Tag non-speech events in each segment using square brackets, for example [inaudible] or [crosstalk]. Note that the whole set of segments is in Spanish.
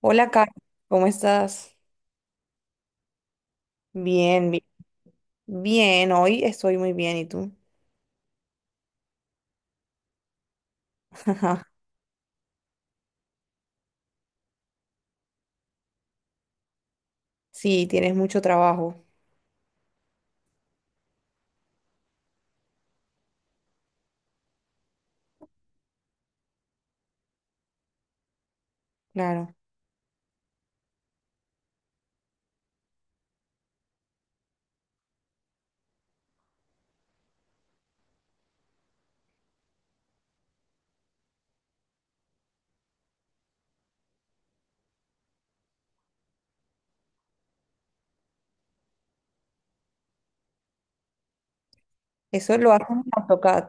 Hola, Carlos, ¿cómo estás? Bien, bien, hoy estoy muy bien, ¿y tú? Sí, tienes mucho trabajo, claro. Eso lo haces en AutoCAD,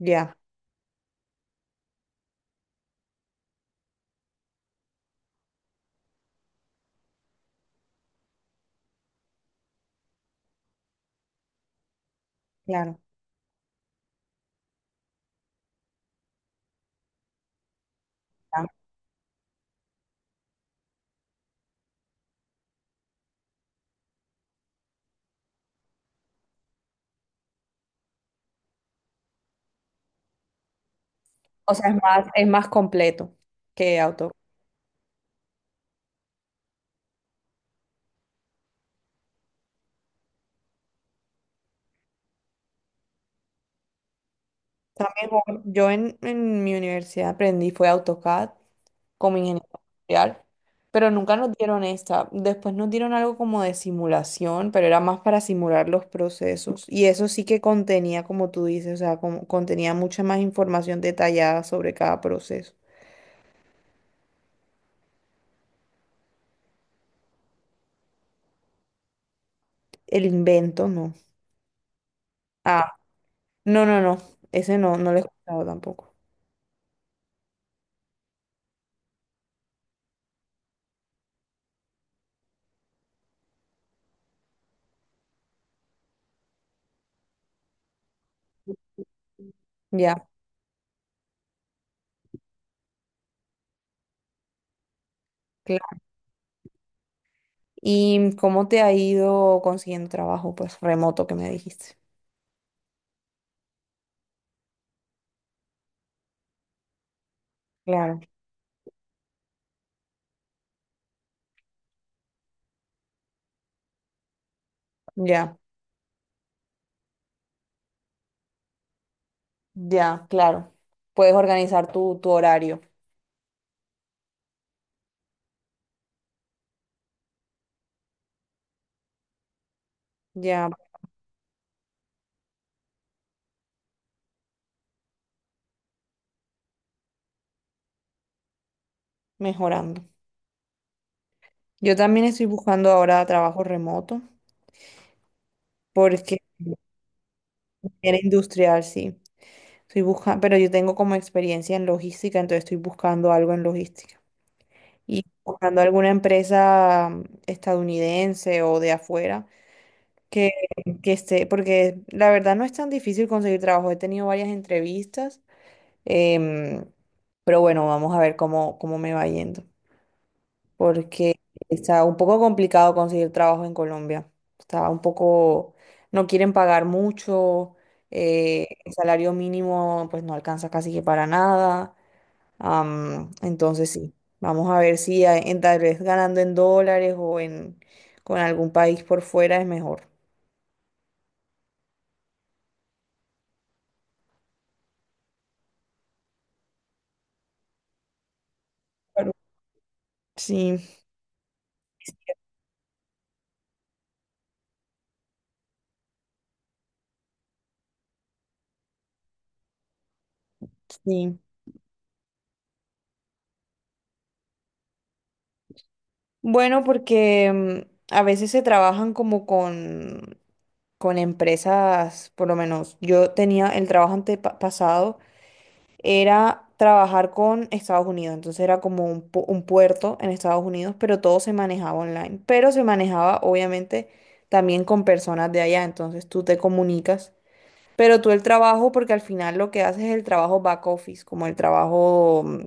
ya, claro. Ya. O sea, es más completo que AutoCAD. Está mejor. Yo en mi universidad aprendí fue AutoCAD como ingeniero industrial, pero nunca nos dieron esta. Después nos dieron algo como de simulación, pero era más para simular los procesos. Y eso sí que contenía, como tú dices, o sea, contenía mucha más información detallada sobre cada proceso. El invento, no. Ah, no, no, no. Ese no, no lo he escuchado tampoco. Ya, claro. ¿Y cómo te ha ido consiguiendo trabajo, pues, remoto que me dijiste? Claro, ya, ya, claro. Puedes organizar tu horario. Ya. Mejorando. Yo también estoy buscando ahora trabajo remoto porque era industrial, sí. Estoy buscando, pero yo tengo como experiencia en logística, entonces estoy buscando algo en logística. Y buscando alguna empresa estadounidense o de afuera que, que esté, porque la verdad no es tan difícil conseguir trabajo. He tenido varias entrevistas, em, pero bueno, vamos a ver cómo, cómo me va yendo. Porque está un poco complicado conseguir trabajo en Colombia. Está un poco, no quieren pagar mucho, el salario mínimo pues no alcanza casi que para nada. Entonces sí, vamos a ver si tal vez ganando en dólares o en con algún país por fuera es mejor. Claro. Sí, sí. Bueno, porque a veces se trabajan con empresas, por lo menos yo tenía el trabajo antepasado era trabajar con Estados Unidos. Entonces era como un puerto en Estados Unidos, pero todo se manejaba online. Pero se manejaba obviamente también con personas de allá. Entonces tú te comunicas. Pero tú el trabajo, porque al final lo que haces es el trabajo back office, como el trabajo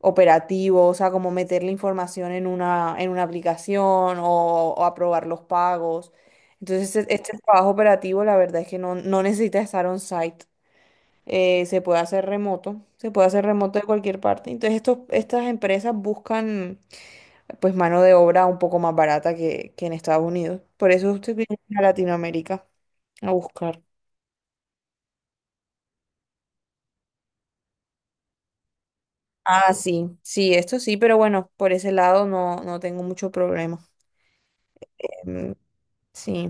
operativo, o sea, como meter la información en una aplicación o aprobar los pagos. Entonces, este trabajo operativo, la verdad es que no, no necesita estar on-site, se puede hacer remoto, se puede hacer remoto de cualquier parte. Entonces, estas empresas buscan pues mano de obra un poco más barata que en Estados Unidos. Por eso usted viene a Latinoamérica a buscar. Ah, sí, sí, esto sí, pero bueno, por ese lado no, no tengo mucho problema. Mm, sí,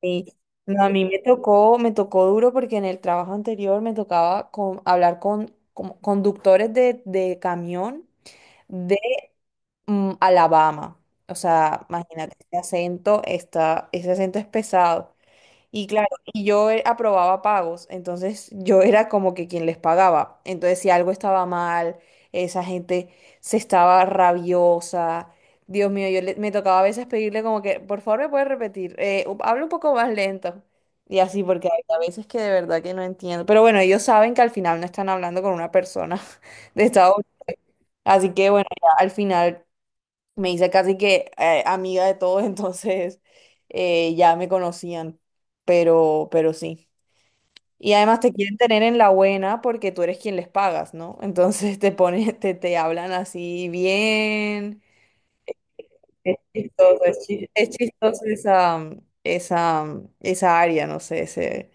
sí. No, a mí me tocó duro porque en el trabajo anterior me tocaba con, hablar con conductores de camión de Alabama. O sea, imagínate, ese acento está, ese acento es pesado. Y claro, y yo aprobaba pagos, entonces yo era como que quien les pagaba. Entonces, si algo estaba mal, esa gente se estaba rabiosa. Dios mío, me tocaba a veces pedirle como que, por favor, me puedes repetir, habla un poco más lento. Y así, porque hay a veces que de verdad que no entiendo. Pero bueno, ellos saben que al final no están hablando con una persona [laughs] de Estados Unidos. Así que bueno, ya al final me hice casi que amiga de todos, [laughs] entonces ya me conocían, pero sí. Y además te quieren tener en la buena porque tú eres quien les pagas, ¿no? [laughs] Entonces te pones, te hablan así bien. Es chistoso, es chistoso esa, esa, esa área, no sé, ese,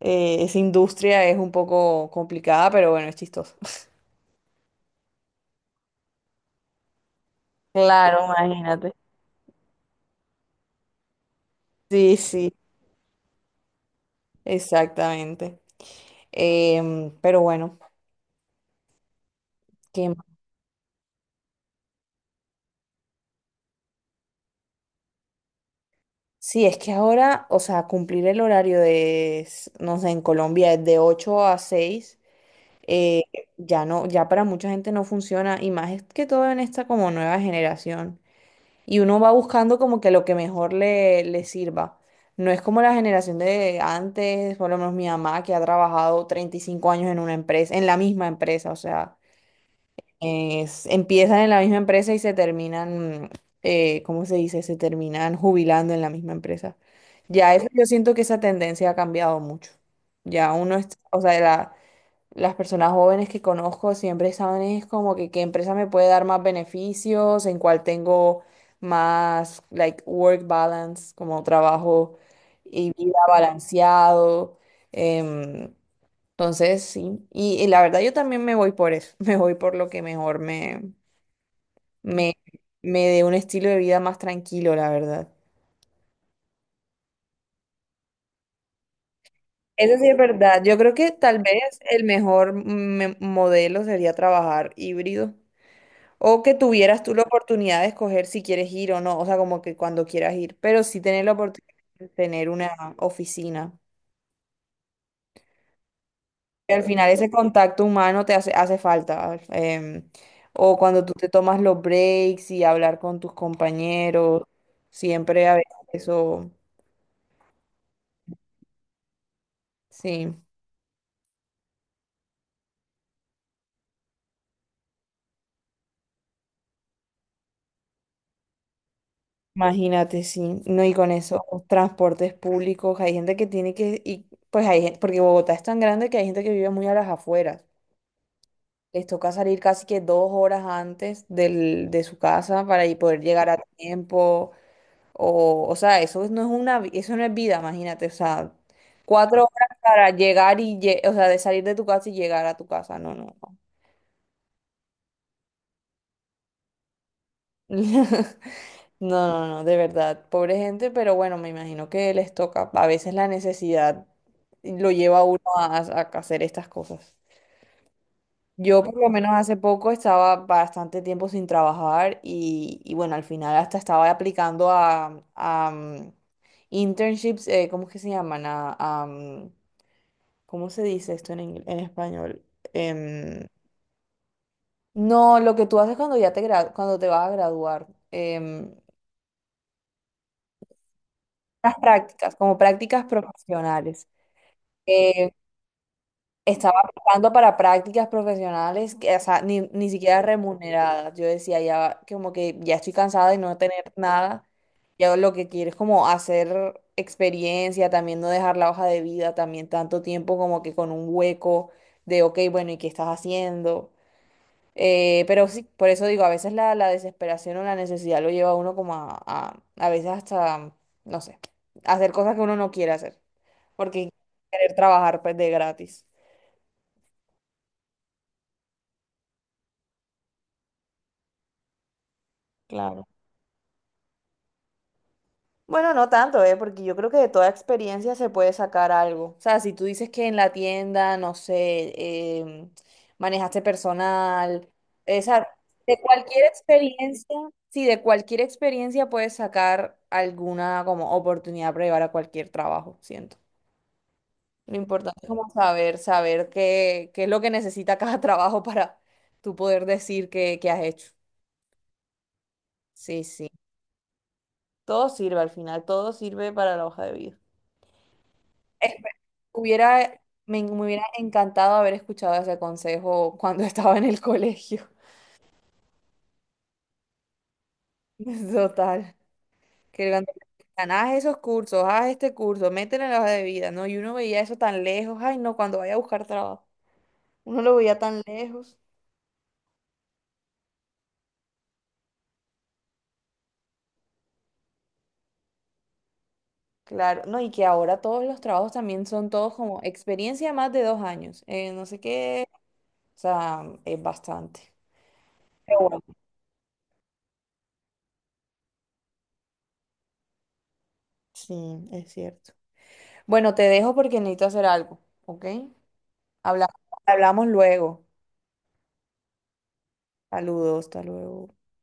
esa industria es un poco complicada, pero bueno, es chistoso. [laughs] Claro, imagínate. Sí, sí, exactamente. Pero bueno. ¿Qué? Sí, es que ahora, o sea, cumplir el horario no sé, en Colombia es de 8 a 6, eh, ya no, ya para mucha gente no funciona, y más es que todo en esta como nueva generación. Y uno va buscando como que lo que mejor le, le sirva. No es como la generación de antes, por lo menos mi mamá, que ha trabajado 35 años en una empresa, en la misma empresa, o sea, empiezan en la misma empresa y se terminan, ¿cómo se dice? Se terminan jubilando en la misma empresa. Ya eso, yo siento que esa tendencia ha cambiado mucho. Ya uno es, o sea, las personas jóvenes que conozco siempre saben es como que qué empresa me puede dar más beneficios, en cuál tengo más, like, work balance, como trabajo y vida balanceado. em, entonces, sí, y la verdad yo también me voy por eso, [laughs] me voy por lo que mejor me, me dé un estilo de vida más tranquilo, la verdad. Eso sí es verdad, yo creo que tal vez el mejor modelo sería trabajar híbrido o que tuvieras tú la oportunidad de escoger si quieres ir o no, o sea, como que cuando quieras ir, pero sí tener la oportunidad de tener una oficina. Que al final ese contacto humano te hace, hace falta. O cuando tú te tomas los breaks y hablar con tus compañeros, siempre a veces eso, sí, imagínate, sí. No, y con esos transportes públicos, hay gente que tiene que, y pues hay gente, porque Bogotá es tan grande que hay gente que vive muy a las afueras. Les toca salir casi que 2 horas antes del, de su casa para ahí poder llegar a tiempo. O sea, eso no es una, eso no es vida, imagínate. O sea, 4 horas para llegar o sea, de salir de tu casa y llegar a tu casa. No, no, no. [laughs] No, no, no, de verdad. Pobre gente, pero bueno, me imagino que les toca. A veces la necesidad lo lleva a uno a hacer estas cosas. Yo por lo menos hace poco estaba bastante tiempo sin trabajar y bueno, al final hasta estaba aplicando a internships, ¿cómo es que se llaman? A, ¿cómo se dice esto en, en español? Em, no, lo que tú haces cuando ya cuando te vas a graduar, las prácticas, como prácticas profesionales. Eh, Estaba aplicando para prácticas profesionales, que, o sea, ni, ni siquiera remuneradas. Yo decía, ya como que ya estoy cansada de no tener nada. Ya lo que quiero es como hacer experiencia, también no dejar la hoja de vida, también tanto tiempo como que con un hueco de, ok, bueno, ¿y qué estás haciendo? Pero sí, por eso digo, a veces la desesperación o la necesidad lo lleva a uno como a veces hasta, no sé, hacer cosas que uno no quiere hacer, porque querer trabajar pues de gratis. Claro. Bueno, no tanto, ¿eh? Porque yo creo que de toda experiencia se puede sacar algo. O sea, si tú dices que en la tienda, no sé, em, manejaste personal, esa, de cualquier experiencia, sí, de cualquier experiencia puedes sacar alguna como oportunidad para llevar a cualquier trabajo, siento. Lo importante es como saber, saber qué, qué es lo que necesita cada [laughs] trabajo para tú poder decir que, has hecho. Sí, sí. Todo sirve al final, todo sirve para la hoja de vida. Espe- Hubiera, Me, me hubiera encantado haber escuchado ese consejo cuando [laughs] estaba en el colegio. [laughs] Total. Que cuando te decían, haz esos cursos, haz este curso, métele en la hoja de vida, ¿no? Y uno veía eso tan lejos. Ay, no, cuando vaya a buscar trabajo. Uno lo veía tan lejos. Claro, no, y que ahora todos los trabajos también son todos como experiencia más de 2 años, no sé qué, o sea, es bastante. Pero bueno, sí, es cierto. Bueno, te dejo porque necesito hacer algo, ¿ok? Habla- Hablamos luego. Saludos, hasta luego.